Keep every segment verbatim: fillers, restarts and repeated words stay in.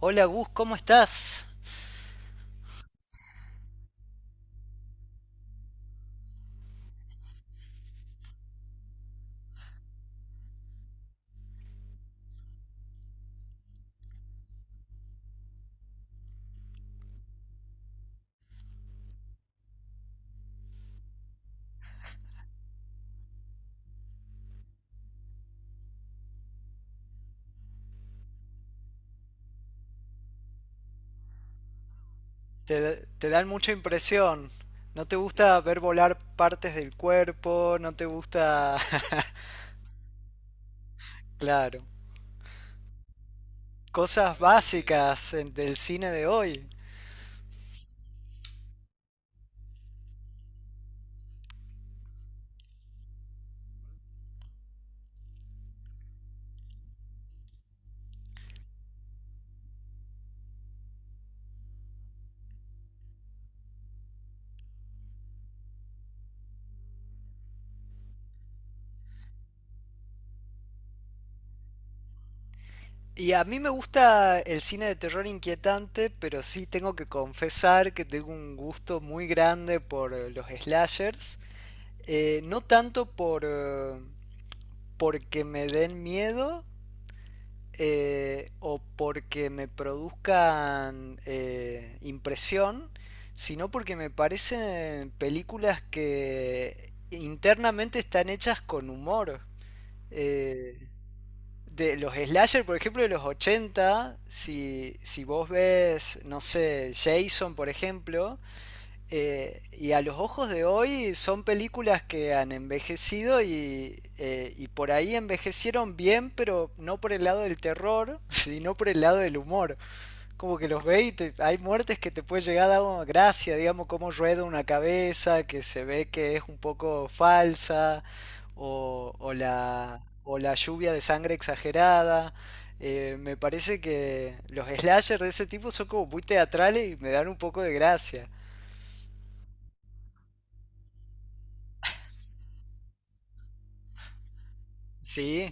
Hola Gus, ¿cómo estás? Te, te dan mucha impresión. ¿No te gusta ver volar partes del cuerpo? ¿No te gusta? Claro. Cosas básicas en- del cine de hoy. Y a mí me gusta el cine de terror inquietante, pero sí tengo que confesar que tengo un gusto muy grande por eh, los slashers. Eh, no tanto por... eh, porque me den miedo, eh, o porque me produzcan eh, impresión, sino porque me parecen películas que internamente están hechas con humor. Eh, de los slasher, por ejemplo, de los ochenta, si, si vos ves, no sé, Jason, por ejemplo, eh, y a los ojos de hoy son películas que han envejecido y, eh, y por ahí envejecieron bien, pero no por el lado del terror, sino por el lado del humor. Como que los ve y te- hay muertes que te puede llegar a dar gracia, digamos, como rueda una cabeza, que se ve que es un poco falsa, o, o la, o la lluvia de sangre exagerada. Eh, me parece que los slashers de ese tipo son como muy teatrales y me dan un poco de gracia. Sí,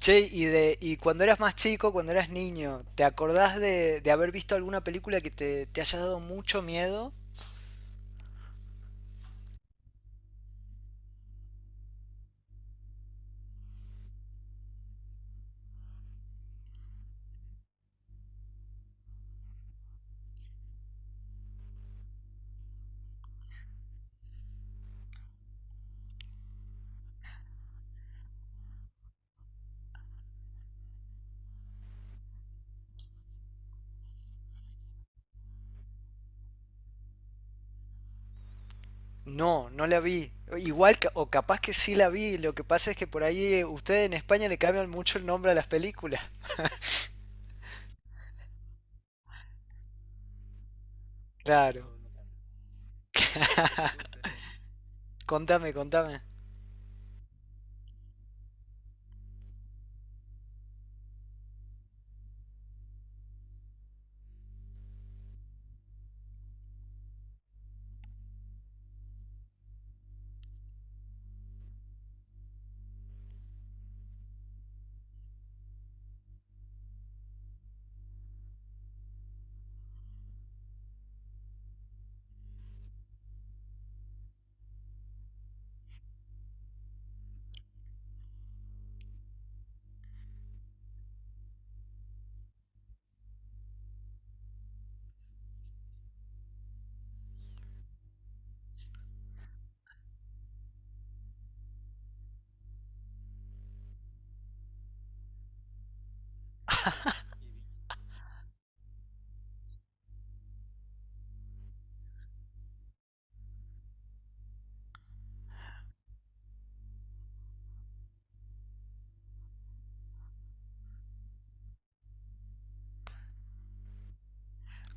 che, y, de, y cuando eras más chico, cuando eras niño, ¿te acordás de, de haber visto alguna película que te, te haya dado mucho miedo? No, no la vi. Igual, ca- o capaz que sí la vi. Lo que pasa es que por ahí eh, ustedes en España le cambian mucho el nombre a las películas. Claro. Contame, contame.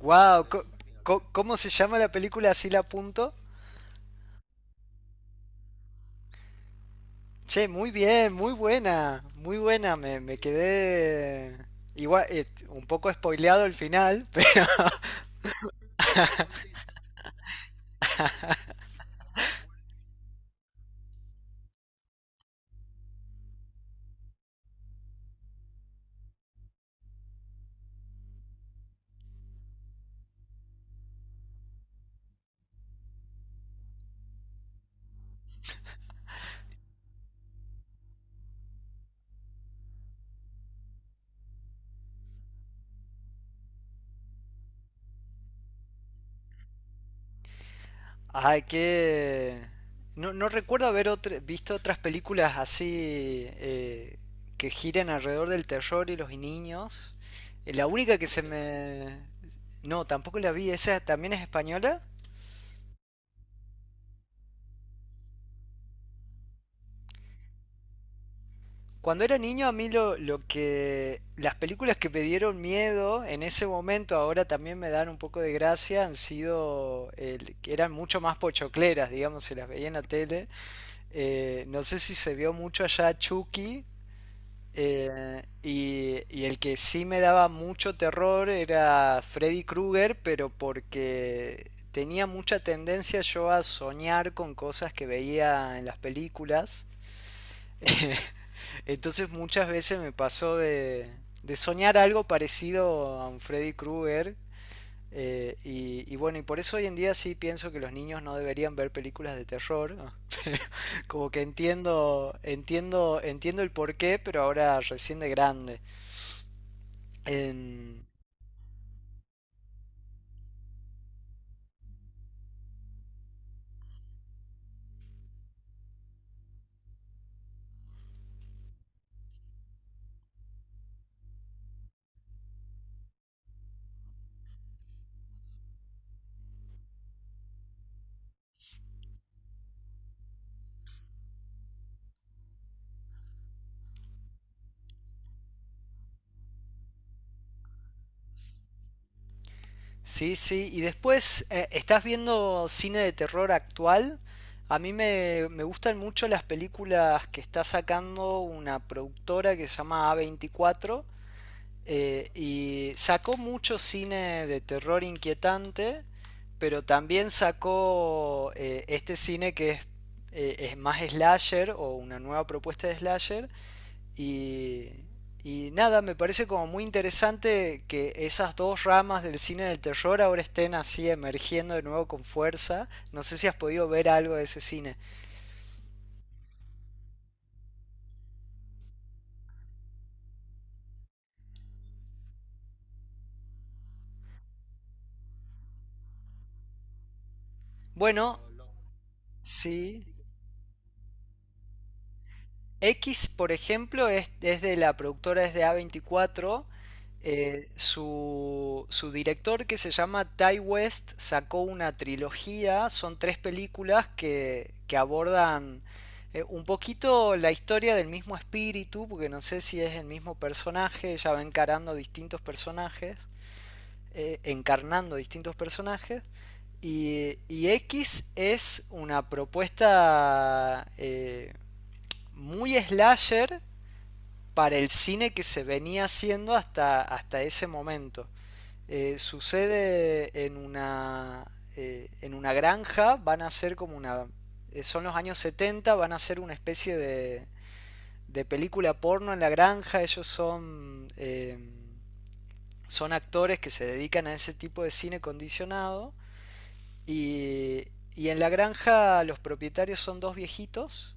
Wow, ¿cómo se llama la película? Así la apunto. Che, muy bien, muy buena, muy buena. Me, me quedé igual, eh, un poco spoileado el final. Ay, que. No, no recuerdo haber otra- visto otras películas así, eh, que giren alrededor del terror y los niños. Eh, La única que se me. No, tampoco la vi. ¿Esa también es española? Cuando era niño a mí lo, lo que... las películas que me dieron miedo en ese momento, ahora también me dan un poco de gracia, han sido el- que eran mucho más pochocleras, digamos, se las veía en la tele. Eh, no sé si se vio mucho allá Chucky. Eh, y, y el que sí me daba mucho terror era Freddy Krueger, pero porque tenía mucha tendencia yo a soñar con cosas que veía en las películas. Entonces muchas veces me pasó de, de soñar algo parecido a un Freddy Krueger, eh, y, y, bueno, y por eso hoy en día sí pienso que los niños no deberían ver películas de terror. Como que entiendo, entiendo, entiendo el porqué, pero ahora recién de grande. En- Sí, sí. Y después, eh, ¿estás viendo cine de terror actual? A mí me, me gustan mucho las películas que está sacando una productora que se llama a veinticuatro. Eh, y sacó mucho cine de terror inquietante, pero también sacó eh, este cine que es, eh, es más slasher o una nueva propuesta de slasher. Y, y nada, me parece como muy interesante que esas dos ramas del cine del terror ahora estén así emergiendo de nuevo con fuerza. No sé si has podido ver algo de ese cine. Bueno, sí. X, por ejemplo, es, es de la productora, es de a veinticuatro. eh, su, su director, que se llama Ty West, sacó una trilogía. Son tres películas que, que abordan eh, un poquito la historia del mismo espíritu, porque no sé si es el mismo personaje. Ella va encarando distintos personajes, eh, encarnando distintos personajes. Y, y X es una propuesta eh, muy slasher para el cine que se venía haciendo hasta, hasta ese momento. Eh, sucede en una, eh, en una granja, van a ser como una. Eh, son los años setenta, van a ser una especie de, de película porno en la granja, ellos son, eh, son actores que se dedican a ese tipo de cine condicionado, y, y en la granja los propietarios son dos viejitos,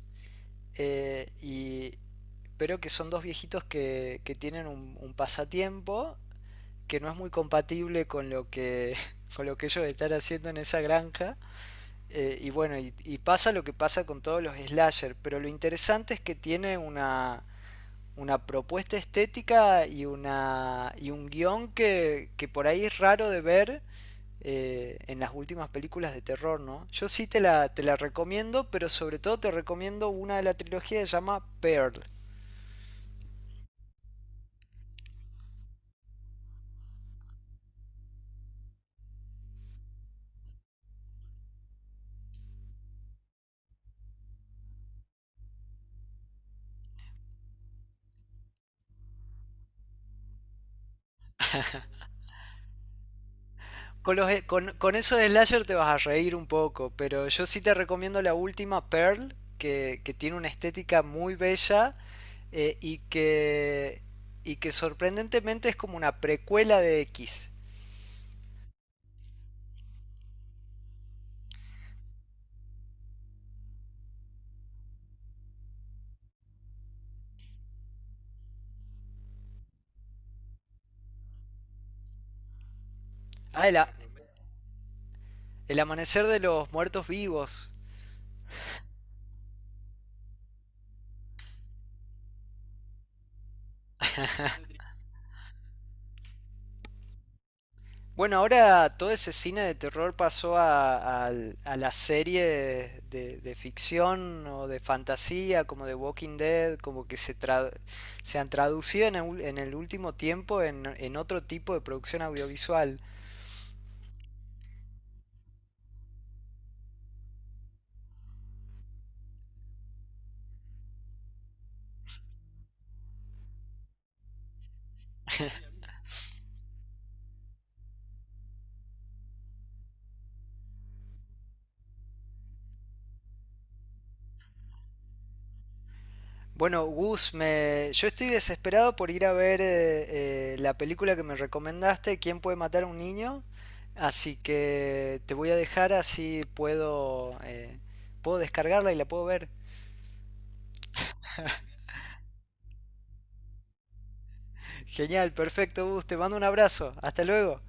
eh, y, pero que son dos viejitos que, que tienen un, un pasatiempo que no es muy compatible con lo que, con lo que ellos están haciendo en esa granja. Eh, y bueno, y, y pasa lo que pasa con todos los slasher, pero lo interesante es que tiene una, una propuesta estética y, una, y un guión que, que por ahí es raro de ver eh, en las últimas películas de terror, ¿no? Yo sí te la, te la recomiendo, pero sobre todo te recomiendo una de la trilogía que se llama Pearl. Con, los, eh, con, con eso de slasher te vas a reír un poco, pero yo sí te recomiendo la última, Pearl, que, que tiene una estética muy bella, eh, y, que, y que sorprendentemente es como una precuela de X. Ah, el, a- el amanecer de los muertos vivos. Bueno, ahora todo ese cine de terror pasó a, a- a las series de, de de ficción o de fantasía, como de Walking Dead, como que se, tra- se han traducido en el, ul- en el último tiempo en, en otro tipo de producción audiovisual. Bueno, Gus, me, yo estoy desesperado por ir a ver eh, eh, la película que me recomendaste, ¿Quién puede matar a un niño? Así que te voy a dejar así puedo, eh, puedo descargarla y la puedo ver. Genial, perfecto, Gus. Te mando un abrazo. Hasta luego.